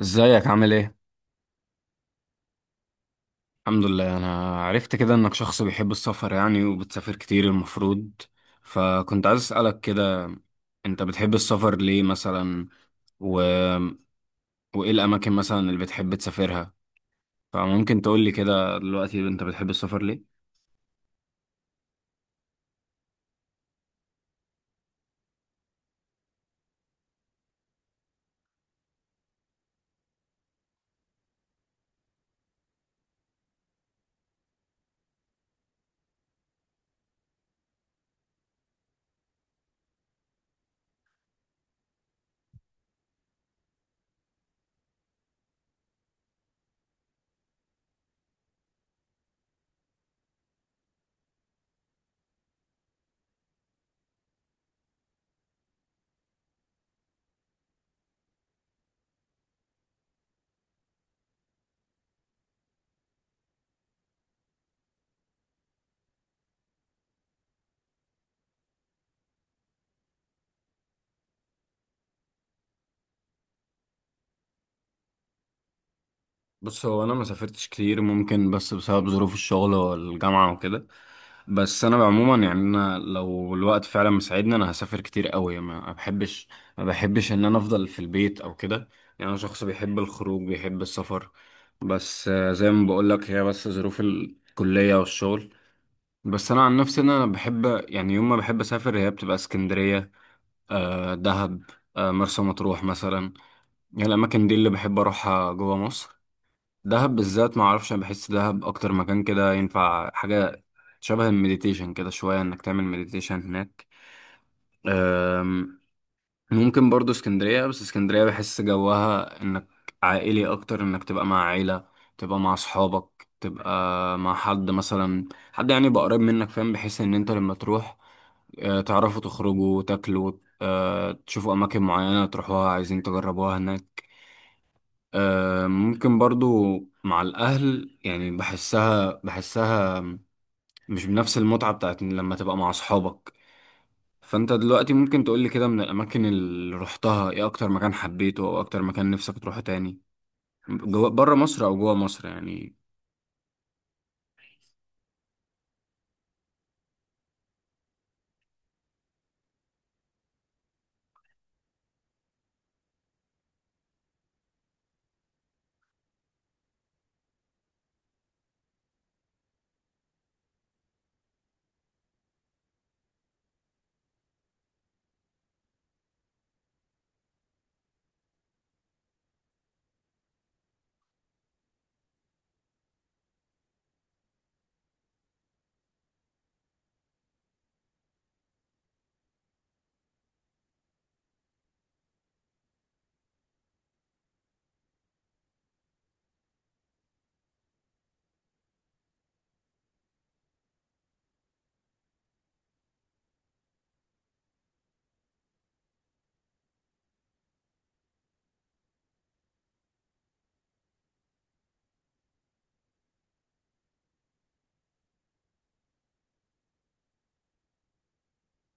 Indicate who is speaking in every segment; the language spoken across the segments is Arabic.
Speaker 1: ازيك عامل ايه؟ الحمد لله، انا عرفت كده انك شخص بيحب السفر، يعني وبتسافر كتير المفروض. فكنت عايز اسألك كده، انت بتحب السفر ليه مثلا و... وايه الاماكن مثلا اللي بتحب تسافرها؟ فممكن تقولي كده دلوقتي انت بتحب السفر ليه؟ بص، هو انا ما سافرتش كتير ممكن، بس بسبب ظروف الشغل والجامعة وكده. بس انا عموما يعني انا لو الوقت فعلا مساعدني انا هسافر كتير قوي. ما بحبش ان انا افضل في البيت او كده. يعني انا شخص بيحب الخروج بيحب السفر. بس زي ما بقول لك، هي بس ظروف الكلية والشغل. بس انا عن نفسي ان انا بحب، يعني يوم ما بحب اسافر هي بتبقى اسكندرية، آه دهب، آه مرسى مطروح مثلا. يعني الاماكن دي اللي بحب اروحها جوه مصر. دهب بالذات، ما اعرفش، انا بحس دهب اكتر مكان كده ينفع حاجه شبه المديتيشن، كده شويه انك تعمل مديتيشن هناك. أم، ممكن برضو اسكندريه، بس اسكندريه بحس جوها انك عائلي اكتر، انك تبقى مع عيله، تبقى مع اصحابك، تبقى مع حد مثلا، حد يعني يبقى قريب منك، فاهم، بحيث ان انت لما تروح تعرفوا تخرجوا تاكلوا، تشوفوا اماكن معينه تروحوها عايزين تجربوها هناك. ممكن برضو مع الأهل يعني بحسها مش بنفس المتعة بتاعت لما تبقى مع أصحابك. فأنت دلوقتي ممكن تقولي كده، من الأماكن اللي روحتها إيه أكتر مكان حبيته، أو أكتر مكان نفسك تروحه تاني، جوا بره مصر أو جوا مصر يعني؟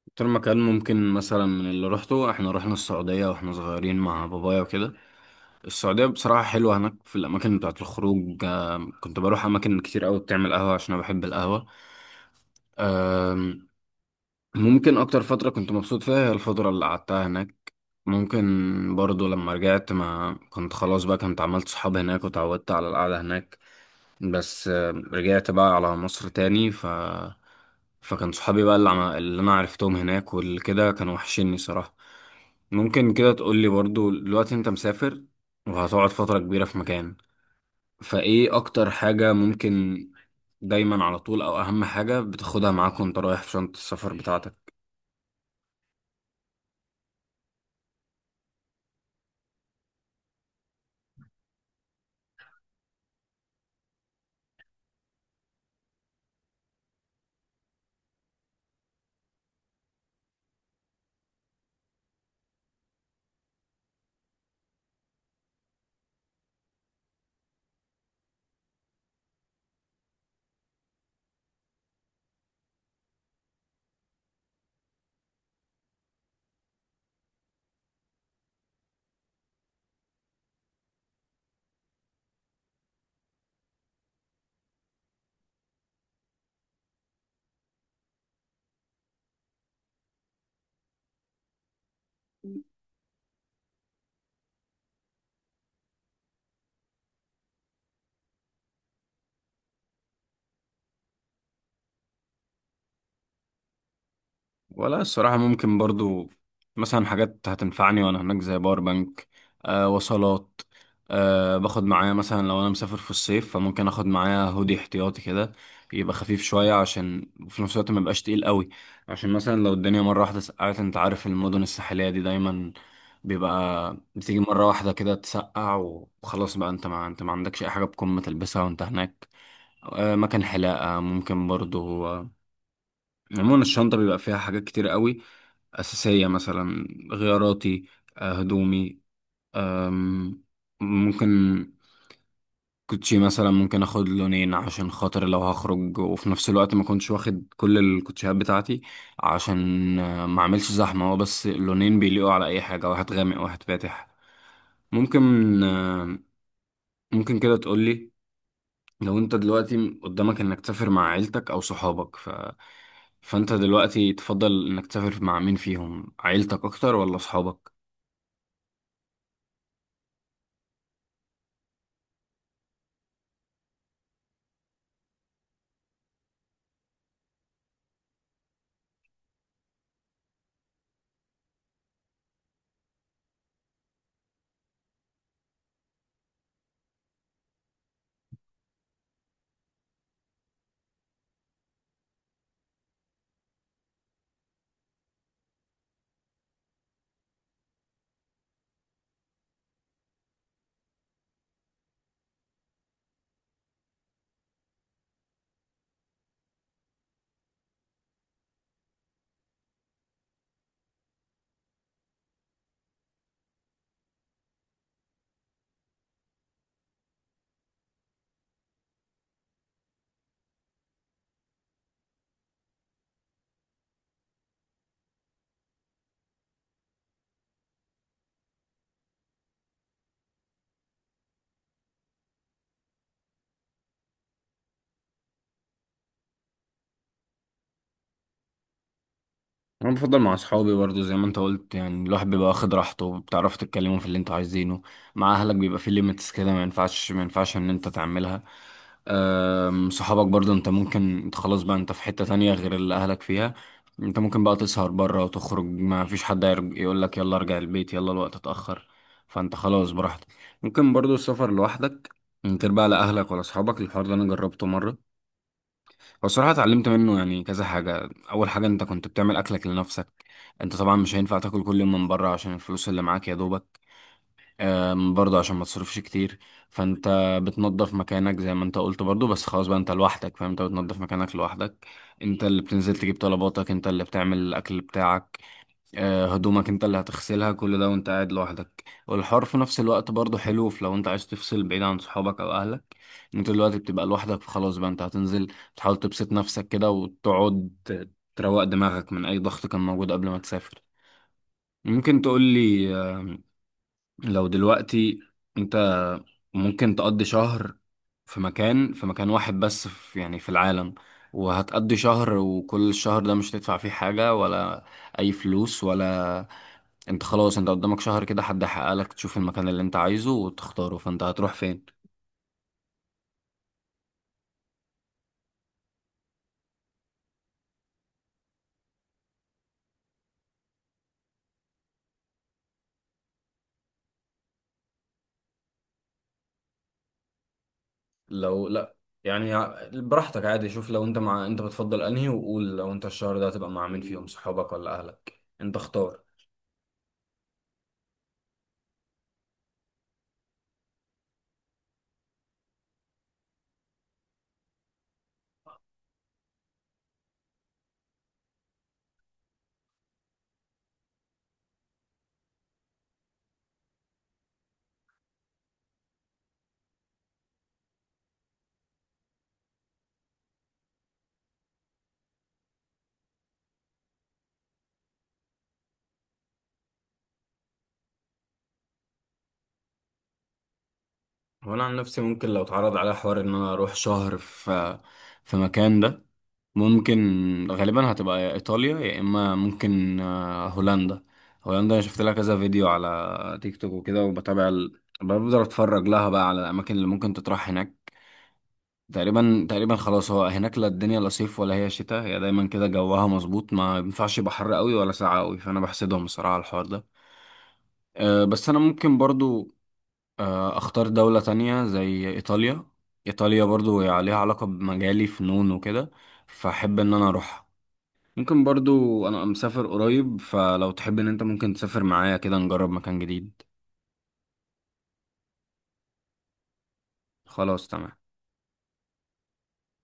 Speaker 1: أكتر مكان ممكن مثلا من اللي روحته، إحنا رحنا السعودية وإحنا صغيرين مع بابايا وكده. السعودية بصراحة حلوة، هناك في الأماكن بتاعت الخروج، كنت بروح أماكن كتير أوي بتعمل قهوة عشان أنا بحب القهوة. ممكن اكتر فترة كنت مبسوط فيها هي الفترة اللي قعدتها هناك. ممكن برضو لما رجعت، ما كنت خلاص بقى كنت عملت صحاب هناك وتعودت على القعدة هناك. بس رجعت بقى على مصر تاني، فكان صحابي بقى اللي، اللي انا عرفتهم هناك والكده كانوا وحشيني صراحة. ممكن كده تقول لي برضو، دلوقتي انت مسافر وهتقعد فترة كبيرة في مكان، فايه اكتر حاجة ممكن دايما على طول، او اهم حاجة بتاخدها معاك وانت رايح في شنطة السفر بتاعتك؟ ولا الصراحة ممكن برضو مثلا حاجات هتنفعني وأنا هناك، زي باور بانك، آه وصلات، آه باخد معايا مثلا لو أنا مسافر في الصيف فممكن آخد معايا هودي احتياطي كده يبقى خفيف شوية، عشان وفي نفس الوقت ما يبقاش تقيل قوي، عشان مثلا لو الدنيا مرة واحدة سقعت. أنت عارف المدن الساحلية دي دايما بيبقى بتيجي مرة واحدة كده تسقع، وخلاص بقى أنت ما أنت ما عندكش أي حاجة بكم تلبسها وأنت هناك. آه مكان حلاقة ممكن برضو، عموما الشنطة بيبقى فيها حاجات كتير قوي أساسية، مثلا غياراتي، هدومي، أم، ممكن كوتشي مثلا، ممكن اخد لونين عشان خاطر لو هخرج وفي نفس الوقت ما كنتش واخد كل الكوتشيات بتاعتي، عشان ما اعملش زحمة، هو بس اللونين بيليقوا على اي حاجة، واحد غامق واحد فاتح. ممكن آه، ممكن كده تقولي، لو انت دلوقتي قدامك انك تسافر مع عيلتك او صحابك، فانت دلوقتي تفضل انك تسافر مع مين فيهم، عيلتك اكتر ولا صحابك؟ انا بفضل مع اصحابي برضو زي ما انت قلت، يعني الواحد بيبقى واخد راحته، بتعرفوا تتكلموا في اللي انتوا عايزينه. مع اهلك بيبقى في ليميتس كده، ما ينفعش ان انت تعملها. صحابك برضو انت ممكن، انت خلاص بقى انت في حتة تانية غير اللي اهلك فيها. انت ممكن بقى تسهر بره وتخرج، ما فيش حد يقول لك يلا ارجع البيت، يلا الوقت اتأخر. فانت خلاص براحتك. ممكن برضو السفر لوحدك، من غير بقى لا اهلك ولا اصحابك. الحوار ده انا جربته مرة. بصراحة اتعلمت منه يعني كذا حاجة. أول حاجة، أنت كنت بتعمل أكلك لنفسك. أنت طبعا مش هينفع تاكل كل يوم من بره عشان الفلوس اللي معاك يا دوبك، برضه عشان ما تصرفش كتير. فأنت بتنظف مكانك زي ما أنت قلت برضه، بس خلاص بقى أنت لوحدك فأنت بتنظف مكانك لوحدك. أنت اللي بتنزل تجيب طلباتك، أنت اللي بتعمل الأكل بتاعك. هدومك انت اللي هتغسلها، كل ده وانت قاعد لوحدك. والحوار في نفس الوقت برضه حلو في، لو انت عايز تفصل بعيد عن صحابك او اهلك، انت دلوقتي بتبقى لوحدك فخلاص بقى انت هتنزل تحاول تبسط نفسك كده وتقعد تروق دماغك من اي ضغط كان موجود قبل ما تسافر. ممكن تقول لي لو دلوقتي انت ممكن تقضي شهر في مكان، في مكان واحد بس، في يعني في العالم، وهتقضي شهر، وكل الشهر ده مش هتدفع فيه حاجة ولا أي فلوس ولا، انت خلاص انت قدامك شهر كده حد يحقق لك تشوف المكان اللي انت عايزه وتختاره، فانت هتروح فين؟ لو لا، يعني براحتك عادي، شوف لو انت مع، انت بتفضل انهي، وقول لو انت الشهر ده هتبقى مع مين فيهم صحابك ولا اهلك، انت اختار. وانا عن نفسي ممكن لو اتعرض عليا حوار ان انا اروح شهر في في مكان ده، ممكن غالبا هتبقى يا ايطاليا، يا اما ممكن هولندا. هولندا انا شفت لها كذا فيديو على تيك توك وكده، بفضل اتفرج لها بقى على الاماكن اللي ممكن تطرح هناك. تقريبا خلاص، هو هناك لا الدنيا لا صيف ولا هي شتاء، هي دايما كده جوها مظبوط، ما ينفعش يبقى حر قوي ولا ساقع قوي، فانا بحسدهم بصراحة على الحوار ده. أه بس انا ممكن برضو أه اختار دولة تانية زي ايطاليا. ايطاليا برضو هي عليها علاقة بمجالي فنون وكده، فاحب ان انا اروحها. ممكن برضو انا مسافر قريب، فلو تحب ان انت ممكن تسافر معايا كده نجرب مكان جديد. خلاص تمام.